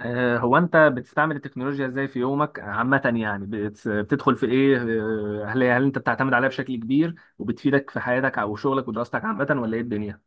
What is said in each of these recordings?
هو انت بتستعمل التكنولوجيا ازاي في يومك عامة؟ يعني بتدخل في ايه؟ هل انت بتعتمد عليها بشكل كبير وبتفيدك في حياتك او شغلك ودراستك عامة، ولا ايه الدنيا؟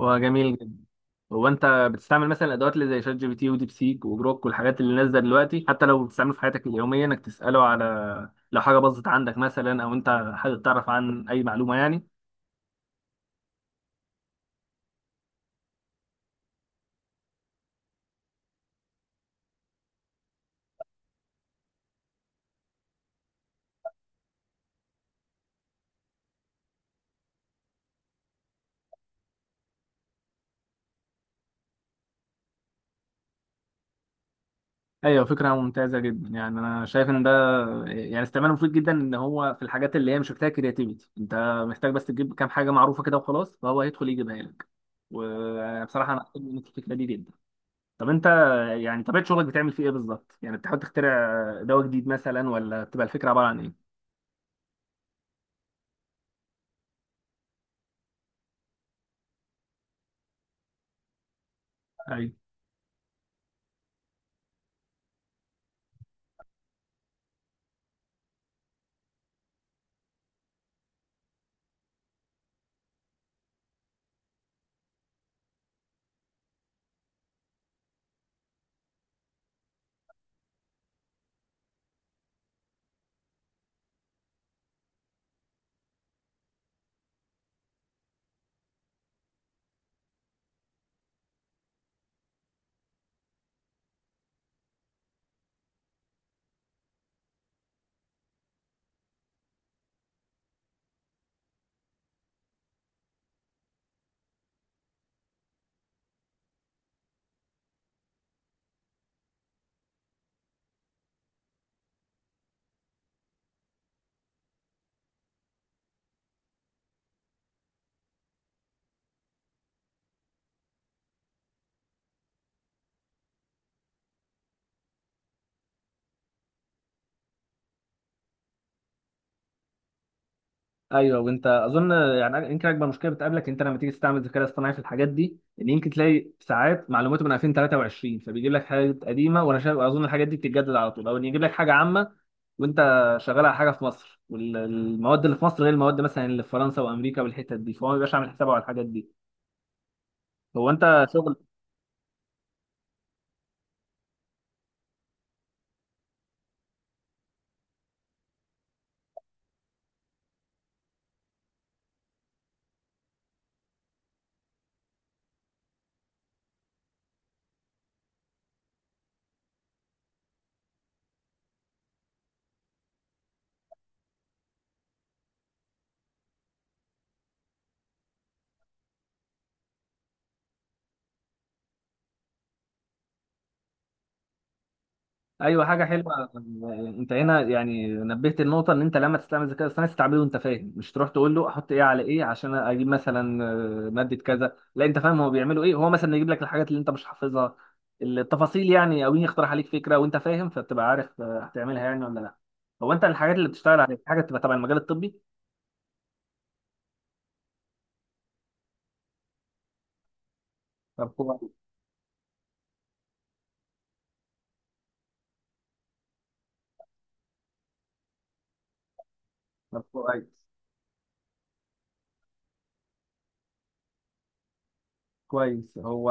هو جميل جدا. هو انت بتستعمل مثلا الادوات اللي زي شات جي بي تي وديب سيك وجروك والحاجات اللي نازله دلوقتي، حتى لو بتستعمله في حياتك اليوميه انك تساله على، لو حاجه باظت عندك مثلا، او انت حابب تعرف عن اي معلومه يعني. ايوه، فكره ممتازه جدا. يعني انا شايف ان ده يعني استعمال مفيد جدا، ان هو في الحاجات اللي هي مش محتاجه كرياتيفيتي، انت محتاج بس تجيب كام حاجه معروفه كده وخلاص، فهو هيدخل يجيبها لك. وبصراحه انا أحب منك الفكره دي جدا. طب انت، يعني طبيعه شغلك بتعمل فيه ايه بالظبط؟ يعني بتحاول تخترع دواء جديد مثلا، ولا بتبقى الفكره عباره عن ايه؟ ايوه، ايوه. وانت اظن يعني يمكن اكبر مشكله بتقابلك انت لما تيجي تستعمل الذكاء الاصطناعي في الحاجات دي، ان يمكن تلاقي ساعات معلوماته من 2023، فبيجيب لك حاجات قديمه، وانا شايف اظن الحاجات دي بتتجدد على طول، او ان يجيب لك حاجه عامه. وانت شغال على حاجه في مصر، والمواد اللي في مصر غير المواد مثلا اللي في فرنسا وامريكا والحتت دي، فهو ما بيبقاش عامل حسابه على الحاجات دي. هو انت شغل. ايوه، حاجه حلوه. انت هنا يعني نبهت النقطه ان انت لما تستعمل الذكاء الاصطناعي، تستعمله وانت فاهم، مش تروح تقول له احط ايه على ايه عشان اجيب مثلا ماده كذا. لا، انت فاهم هو بيعملوا ايه. هو مثلا يجيب لك الحاجات اللي انت مش حافظها، التفاصيل يعني، او يقترح عليك فكره وانت فاهم، فبتبقى عارف هتعملها يعني ولا لا. هو انت الحاجات اللي بتشتغل عليها حاجه بتبقى تبع المجال الطبي؟ طب كويس. طب كويس. كويس. هو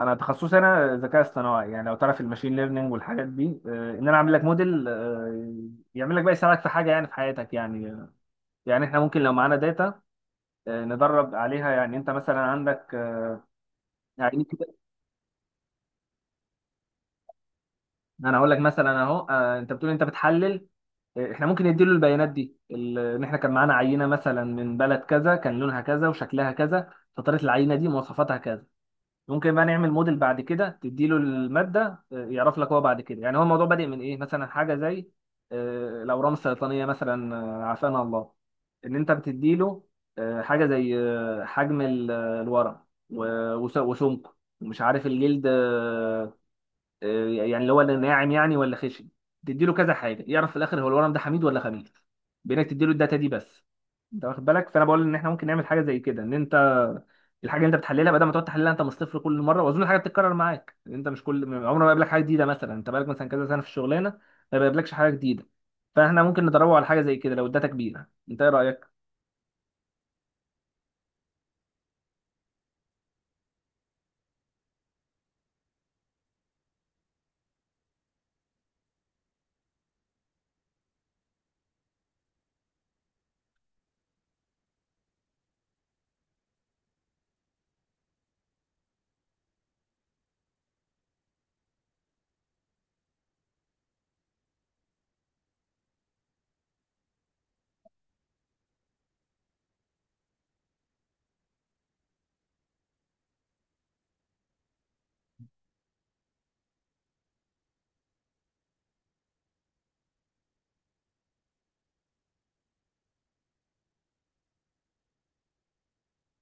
انا تخصصي انا ذكاء اصطناعي، يعني لو تعرف الماشين ليرنينج والحاجات دي، ان انا اعمل لك موديل، يعمل لك بقى يساعدك في حاجه يعني في حياتك يعني. يعني احنا ممكن لو معانا داتا ندرب عليها، يعني انت مثلا عندك يعني كده. انا اقول لك مثلا اهو، انت بتقول انت بتحلل، احنا ممكن نديله البيانات دي ان احنا كان معانا عينه مثلا من بلد كذا، كان لونها كذا وشكلها كذا، فطريقه العينه دي مواصفاتها كذا. ممكن بقى نعمل موديل بعد كده تديله المادة، يعرف لك هو بعد كده، يعني هو الموضوع بادئ من ايه. مثلا حاجة زي الأورام السرطانية مثلا، عافانا الله، ان انت بتديله حاجة زي حجم الورق وسمكه، ومش عارف الجلد، يعني اللي هو اللي ناعم يعني ولا خشن. تديله كذا حاجة يعرف في الآخر هو الورم ده حميد ولا خبيث، بإنك تديله الداتا دي بس. انت واخد بالك؟ فانا بقول ان احنا ممكن نعمل حاجه زي كده، ان انت الحاجه اللي انت بتحللها، بدل ما تقعد تحللها انت من الصفر كل مره، واظن الحاجه بتتكرر معاك، انت مش كل عمر ما بيقابلك حاجه جديده، مثلا انت بقالك مثلا كذا سنه في الشغلانه، ما بيقابلكش حاجه جديده. فاحنا ممكن ندربه على حاجه زي كده لو الداتا كبيره. انت ايه رايك؟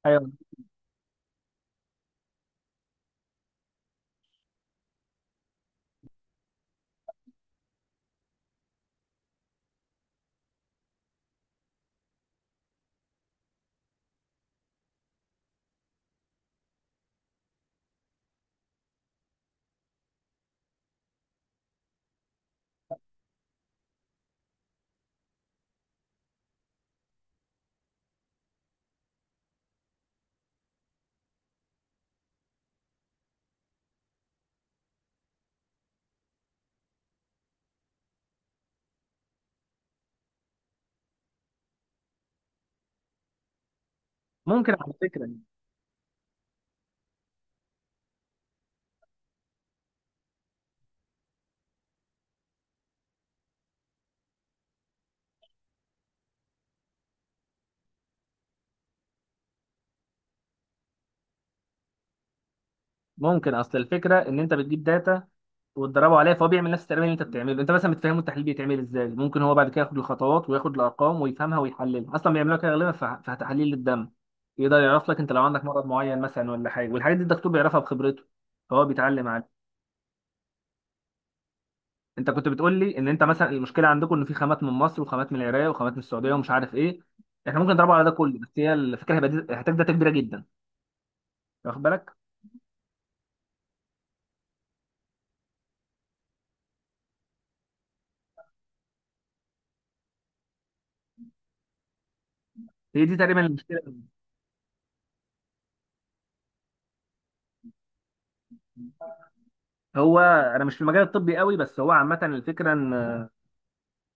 ايوه، ممكن. على فكره، ممكن. اصل الفكره ان انت بتجيب داتا وتدربه عليها، فهو بيعمل نفس التمرين اللي انت بتعمله. انت مثلا بتفهمه التحليل بيتعمل ازاي، ممكن هو بعد كده ياخد الخطوات وياخد الارقام ويفهمها ويحللها. اصلا بيعملوها كده غالبا في تحاليل الدم، يقدر يعرف لك انت لو عندك مرض معين مثلا ولا حاجه، والحاجات دي الدكتور بيعرفها بخبرته، فهو بيتعلم عليها. انت كنت بتقول لي ان انت مثلا المشكله عندكم ان في خامات من مصر وخامات من العراق وخامات من السعوديه ومش عارف ايه، احنا ممكن نضربه على ده كله، بس هي الفكره هيبقى هتبقى كبيره جدا. واخد بالك؟ هي دي تقريبا المشكله. هو انا مش في المجال الطبي قوي، بس هو عامه الفكره ان،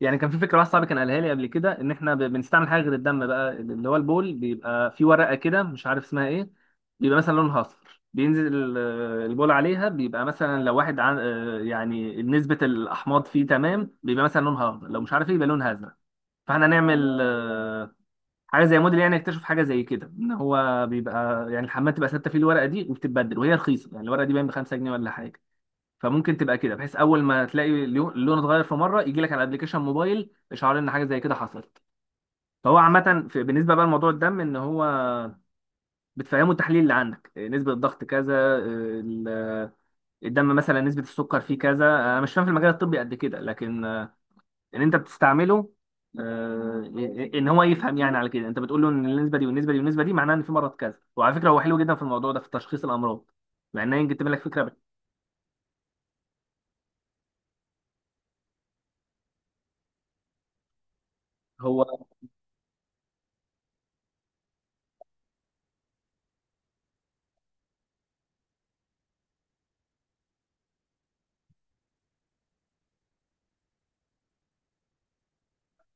يعني كان في فكره واحد صاحبي كان قالها لي قبل كده، ان احنا بنستعمل حاجه غير الدم بقى، اللي هو البول. بيبقى في ورقه كده مش عارف اسمها ايه، بيبقى مثلا لونها اصفر، بينزل البول عليها، بيبقى مثلا لو واحد عن، يعني نسبه الاحماض فيه تمام، بيبقى مثلا لونها اخضر، لو مش عارف ايه يبقى لونها ازرق. فاحنا هنعمل حاجه زي موديل، يعني اكتشف حاجه زي كده ان هو بيبقى، يعني الحمام تبقى ثابته فيه الورقه دي وبتتبدل، وهي رخيصه يعني الورقه دي باين ب 5 جنيه ولا حاجه، فممكن تبقى كده بحيث اول ما تلاقي اللون اتغير في مره، يجي لك على الابلكيشن موبايل اشعار ان حاجه زي كده حصلت. فهو عامه بالنسبه بقى لموضوع الدم، ان هو بتفهمه التحليل اللي عندك، نسبه الضغط كذا، ال- الدم مثلا نسبه السكر فيه كذا، انا مش فاهم في المجال الطبي قد كده، لكن ان انت بتستعمله آه، ان هو يفهم، يعني على كده انت بتقول له ان النسبه دي والنسبه دي والنسبه دي معناها ان في مرض كذا. وعلى فكره هو حلو جدا في الموضوع ده، في تشخيص الامراض، مع انه يمكن تبان لك فكره. هو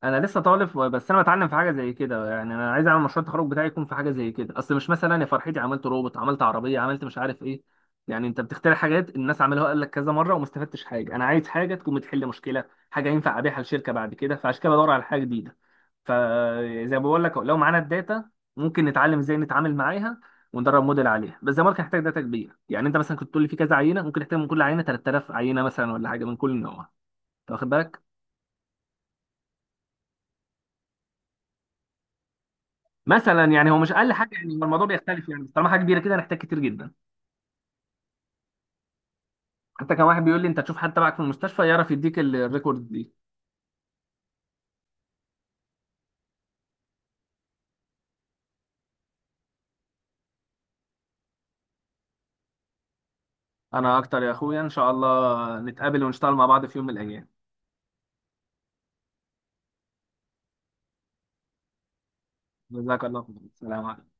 انا لسه طالب، بس انا بتعلم في حاجه زي كده. يعني انا عايز اعمل مشروع التخرج بتاعي يكون في حاجه زي كده، اصل مش مثلا يا فرحتي عملت روبوت، عملت عربيه، عملت مش عارف ايه، يعني انت بتخترع حاجات الناس عملوها قال لك كذا مره وما استفدتش حاجه. انا عايز حاجه تكون بتحل مشكله، حاجه ينفع ابيعها لشركه بعد كده، فعشان كده بدور على حاجه جديده. فزي ما بقول لك، لو معانا الداتا ممكن نتعلم ازاي نتعامل معاها وندرب موديل عليها، بس زي ما قلت هنحتاج داتا كبيره. يعني انت مثلا كنت تقول لي في كذا عينه، ممكن نحتاج من كل عينه 3000 عينه مثلا ولا حاجه، من كل نوع. أنت واخد بالك؟ مثلا يعني، هو مش اقل حاجه يعني، هو الموضوع بيختلف يعني، بس طالما حاجه كبيره كده هنحتاج كتير جدا. حتى كان واحد بيقول لي انت تشوف حد تبعك في المستشفى يعرف يديك الريكورد دي. انا اكتر يا اخويا، ان شاء الله نتقابل ونشتغل مع بعض في يوم من الايام. جزاك الله خير، السلام عليكم.